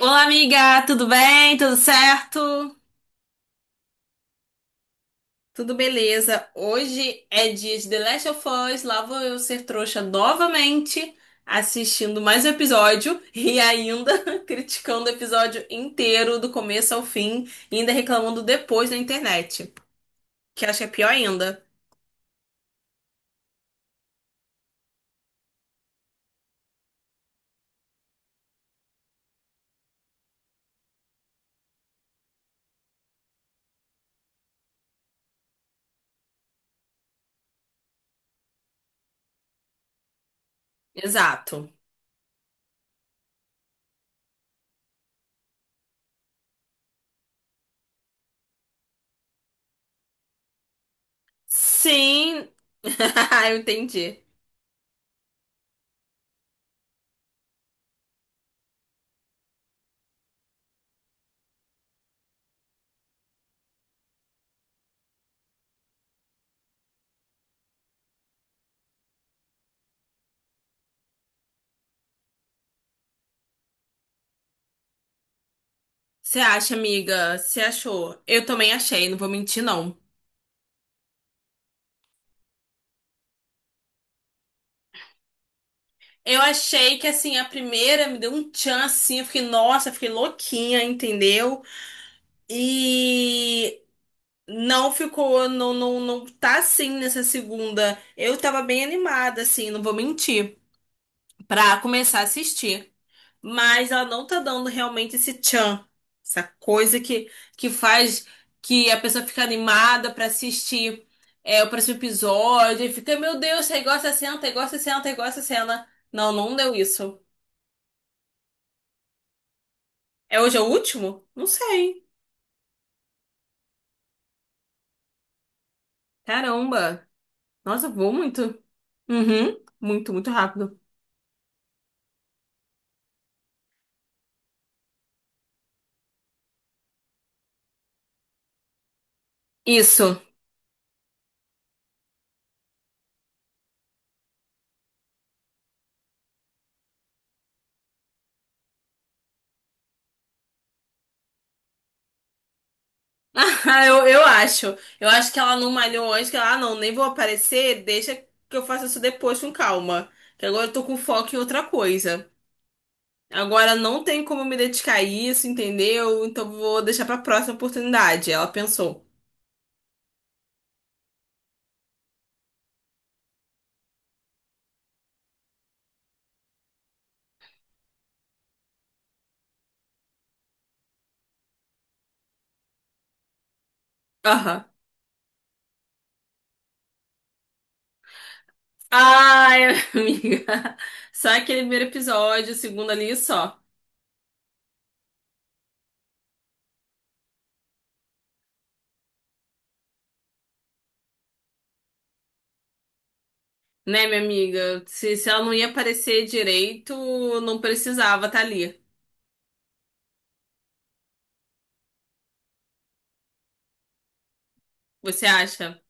Olá, amiga, tudo bem? Tudo certo? Tudo beleza? Hoje é dia de The Last of Us. Lá vou eu ser trouxa novamente, assistindo mais um episódio e ainda criticando o episódio inteiro, do começo ao fim, e ainda reclamando depois na internet, que acho que é pior ainda. Exato. Sim, eu entendi. Você acha, amiga? Você achou? Eu também achei, não vou mentir, não. Eu achei que assim, a primeira me deu um tchan assim, eu fiquei, nossa, eu fiquei louquinha, entendeu? E não ficou, não, não, não tá assim nessa segunda. Eu tava bem animada, assim, não vou mentir, pra começar a assistir. Mas ela não tá dando realmente esse tchan, essa coisa que faz que a pessoa fica animada pra assistir é, o próximo episódio, e fica, meu Deus, aí gosta, senta, aí gosta, senta, aí gosta, cena. Não, não deu isso. É, hoje é o último? Não sei. Caramba. Nossa, voou muito. Uhum. Muito, muito rápido. Isso. Ah, eu acho. Eu acho que ela não malhou antes, que ela, ah, não, nem vou aparecer, deixa que eu faça isso depois com calma. Que agora eu tô com foco em outra coisa. Agora não tem como me dedicar a isso, entendeu? Então vou deixar pra próxima oportunidade. Ela pensou. Aham. Ai, amiga. Só aquele primeiro episódio, o segundo ali só. Né, minha amiga? Se ela não ia aparecer direito, não precisava estar ali. Você acha?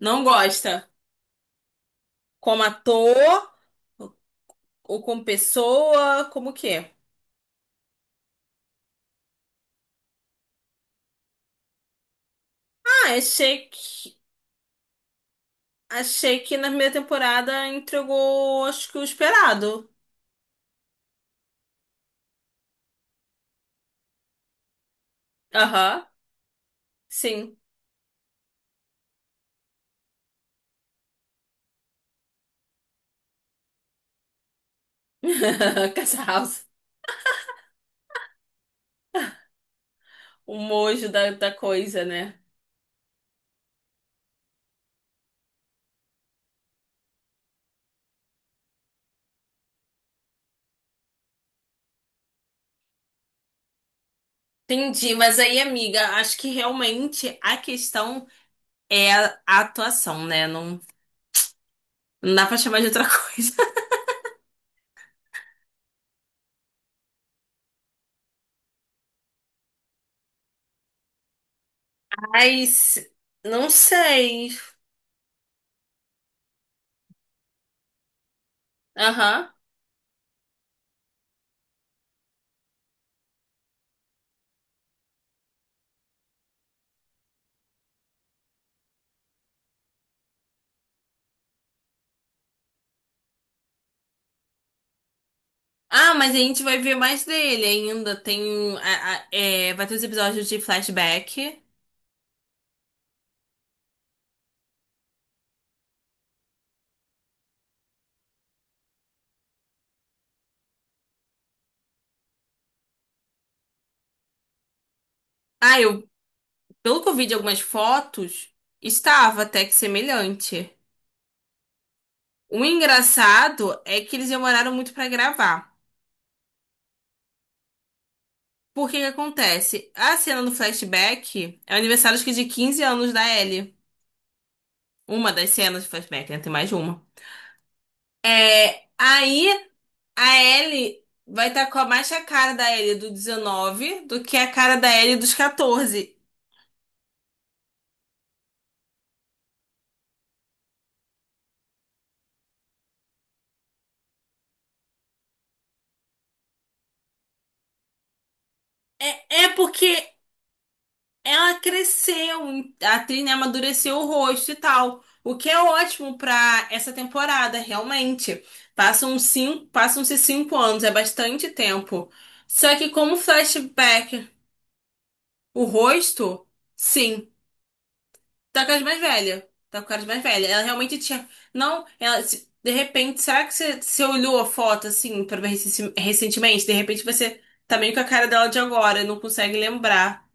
Não gosta? Como ator ou como pessoa? Como que é? Ah, achei que na primeira temporada entregou, acho que o esperado. Aham, sim. Casa House. O mojo da coisa, né? Entendi, mas aí, amiga, acho que realmente a questão é a atuação, né? Não, não dá pra chamar de outra coisa. Mas não sei. Aham. Ah, mas a gente vai ver mais dele ainda. Tem. Vai ter os episódios de flashback. Ah, pelo que eu vi de algumas fotos, estava até que semelhante. O engraçado é que eles demoraram muito pra gravar. Por que que acontece? A cena do flashback é o aniversário acho que de 15 anos da Ellie. Uma das cenas de flashback, né? Tem mais de uma. É, aí a Ellie vai estar com a mais a cara da Ellie do 19 do que a cara da Ellie dos 14. É, porque ela cresceu, a atriz, né, amadureceu o rosto e tal. O que é ótimo pra essa temporada, realmente. Passam-se 5 anos, é bastante tempo. Só que como flashback, o rosto, sim. Tá com a caras mais velha. Ela realmente tinha. Não, ela. Se- de repente, será que você olhou a foto assim pra ver recentemente? De repente você tá meio com a cara dela de agora, não consegue lembrar.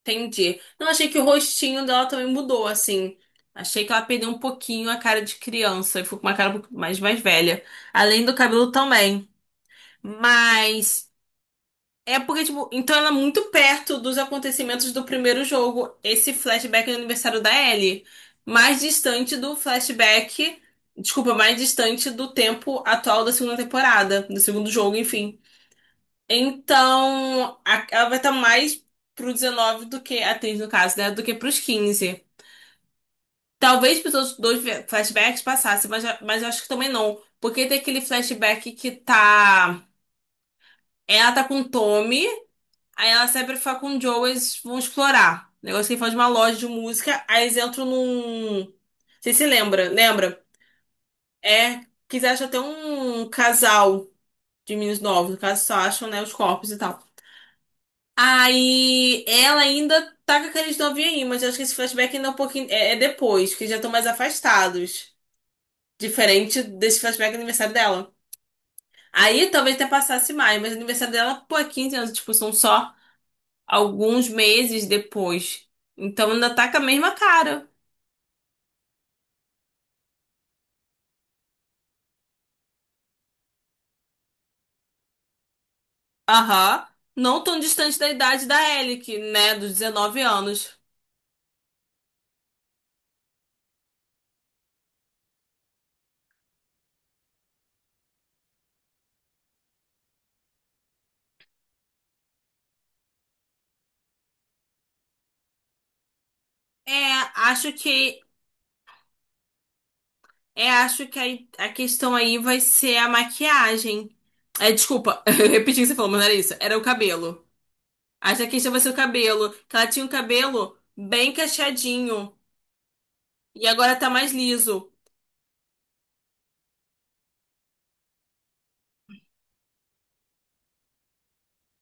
Entendi. Não, achei que o rostinho dela também mudou, assim. Achei que ela perdeu um pouquinho a cara de criança e ficou com uma cara um pouco mais velha. Além do cabelo também. Mas. É porque, tipo, então ela é muito perto dos acontecimentos do primeiro jogo, esse flashback do aniversário da Ellie. Mais distante do flashback. Desculpa, mais distante do tempo atual da segunda temporada, do segundo jogo, enfim. Então, ela vai estar mais pro 19 do que, a atriz no caso, né? Do que pros 15. Talvez pros outros dois flashbacks passassem, mas eu acho que também não. Porque tem aquele flashback que tá. Ela tá com o Tommy. Aí ela sempre fala com o Joe, eles vão explorar. O negócio que ele fala de uma loja de música, aí eles entram num. Você se lembra? Lembra? É, quiser achar até um casal de meninos novos, no caso só acham, né, os corpos e tal. Aí ela ainda tá com aqueles novinhos aí, mas eu acho que esse flashback ainda é um pouquinho. É, depois, que já estão mais afastados. Diferente desse flashback do aniversário dela. Aí talvez até passasse mais, mas o aniversário dela, pô, é 15 anos de expulsão só. Alguns meses depois. Então ainda tá com a mesma cara. Aham. Não tão distante da idade da Ellie, que, né, dos 19 anos. É, acho que acho que a questão aí vai ser a maquiagem. É, desculpa, eu repeti o que você falou, mas não era isso. Era o cabelo. Acho que a questão vai ser o cabelo. Que ela tinha um cabelo bem cacheadinho. E agora tá mais liso.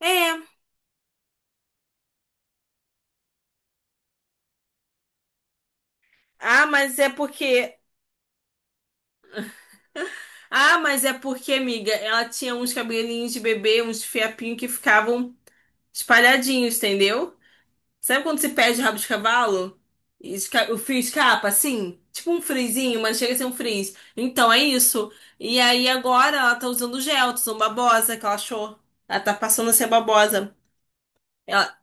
É. Ah, mas é porque Ah, mas é porque, amiga, ela tinha uns cabelinhos de bebê, uns fiapinhos que ficavam espalhadinhos, entendeu? Sabe quando você perde o rabo de cavalo? E o fio escapa, assim? Tipo um frizinho, mas chega a ser um frizz. Então, é isso. E aí, agora, ela tá usando gel, tá usando babosa, que ela achou. Ela tá passando a ser babosa. Ela...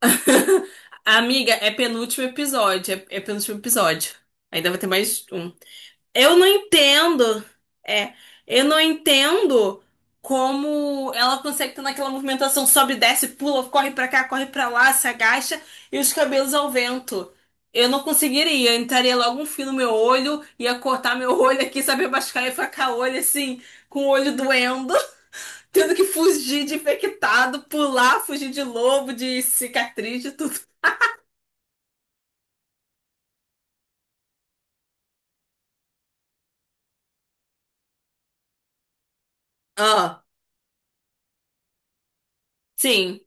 Amiga, é penúltimo episódio. É, penúltimo episódio. Ainda vai ter mais um. Eu não entendo. É, eu não entendo como ela consegue ter naquela movimentação sobe, desce, pula, corre pra cá, corre pra lá, se agacha e os cabelos ao vento. Eu não conseguiria, eu entraria logo um fio no meu olho, ia cortar meu olho aqui, saber machucar e ficar o olho assim, com o olho doendo, tendo que fugir de infectado, pular, fugir de lobo, de cicatriz, de tudo. Ah, sim.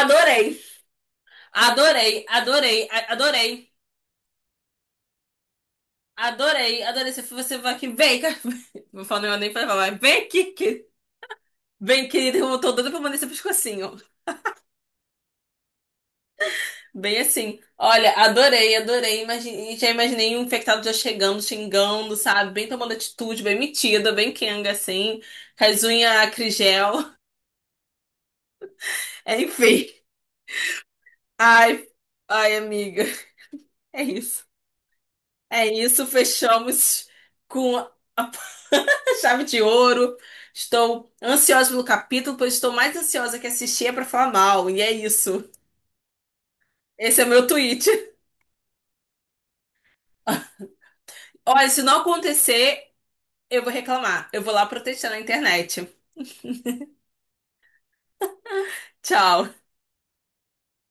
Adorei. Adorei, adorei, adorei. Adorei, adorei. Se você vai aqui, vem cá. Não falo nem pra falar, mas vem aqui, que... Vem, querido, eu tô doida pra mandar esse pescocinho. Bem assim. Olha, adorei, adorei. Imagine... Já imaginei um infectado já chegando, xingando, sabe? Bem tomando atitude, bem metida, bem quenga, assim. Com as unhas acrigel. Enfim. Ai, ai, amiga. É isso. É isso, fechamos com a chave de ouro. Estou ansiosa pelo capítulo, pois estou mais ansiosa que assistir é pra falar mal. E é isso. Esse é o meu tweet. Olha, se não acontecer, eu vou reclamar. Eu vou lá protestar na internet. Tchau.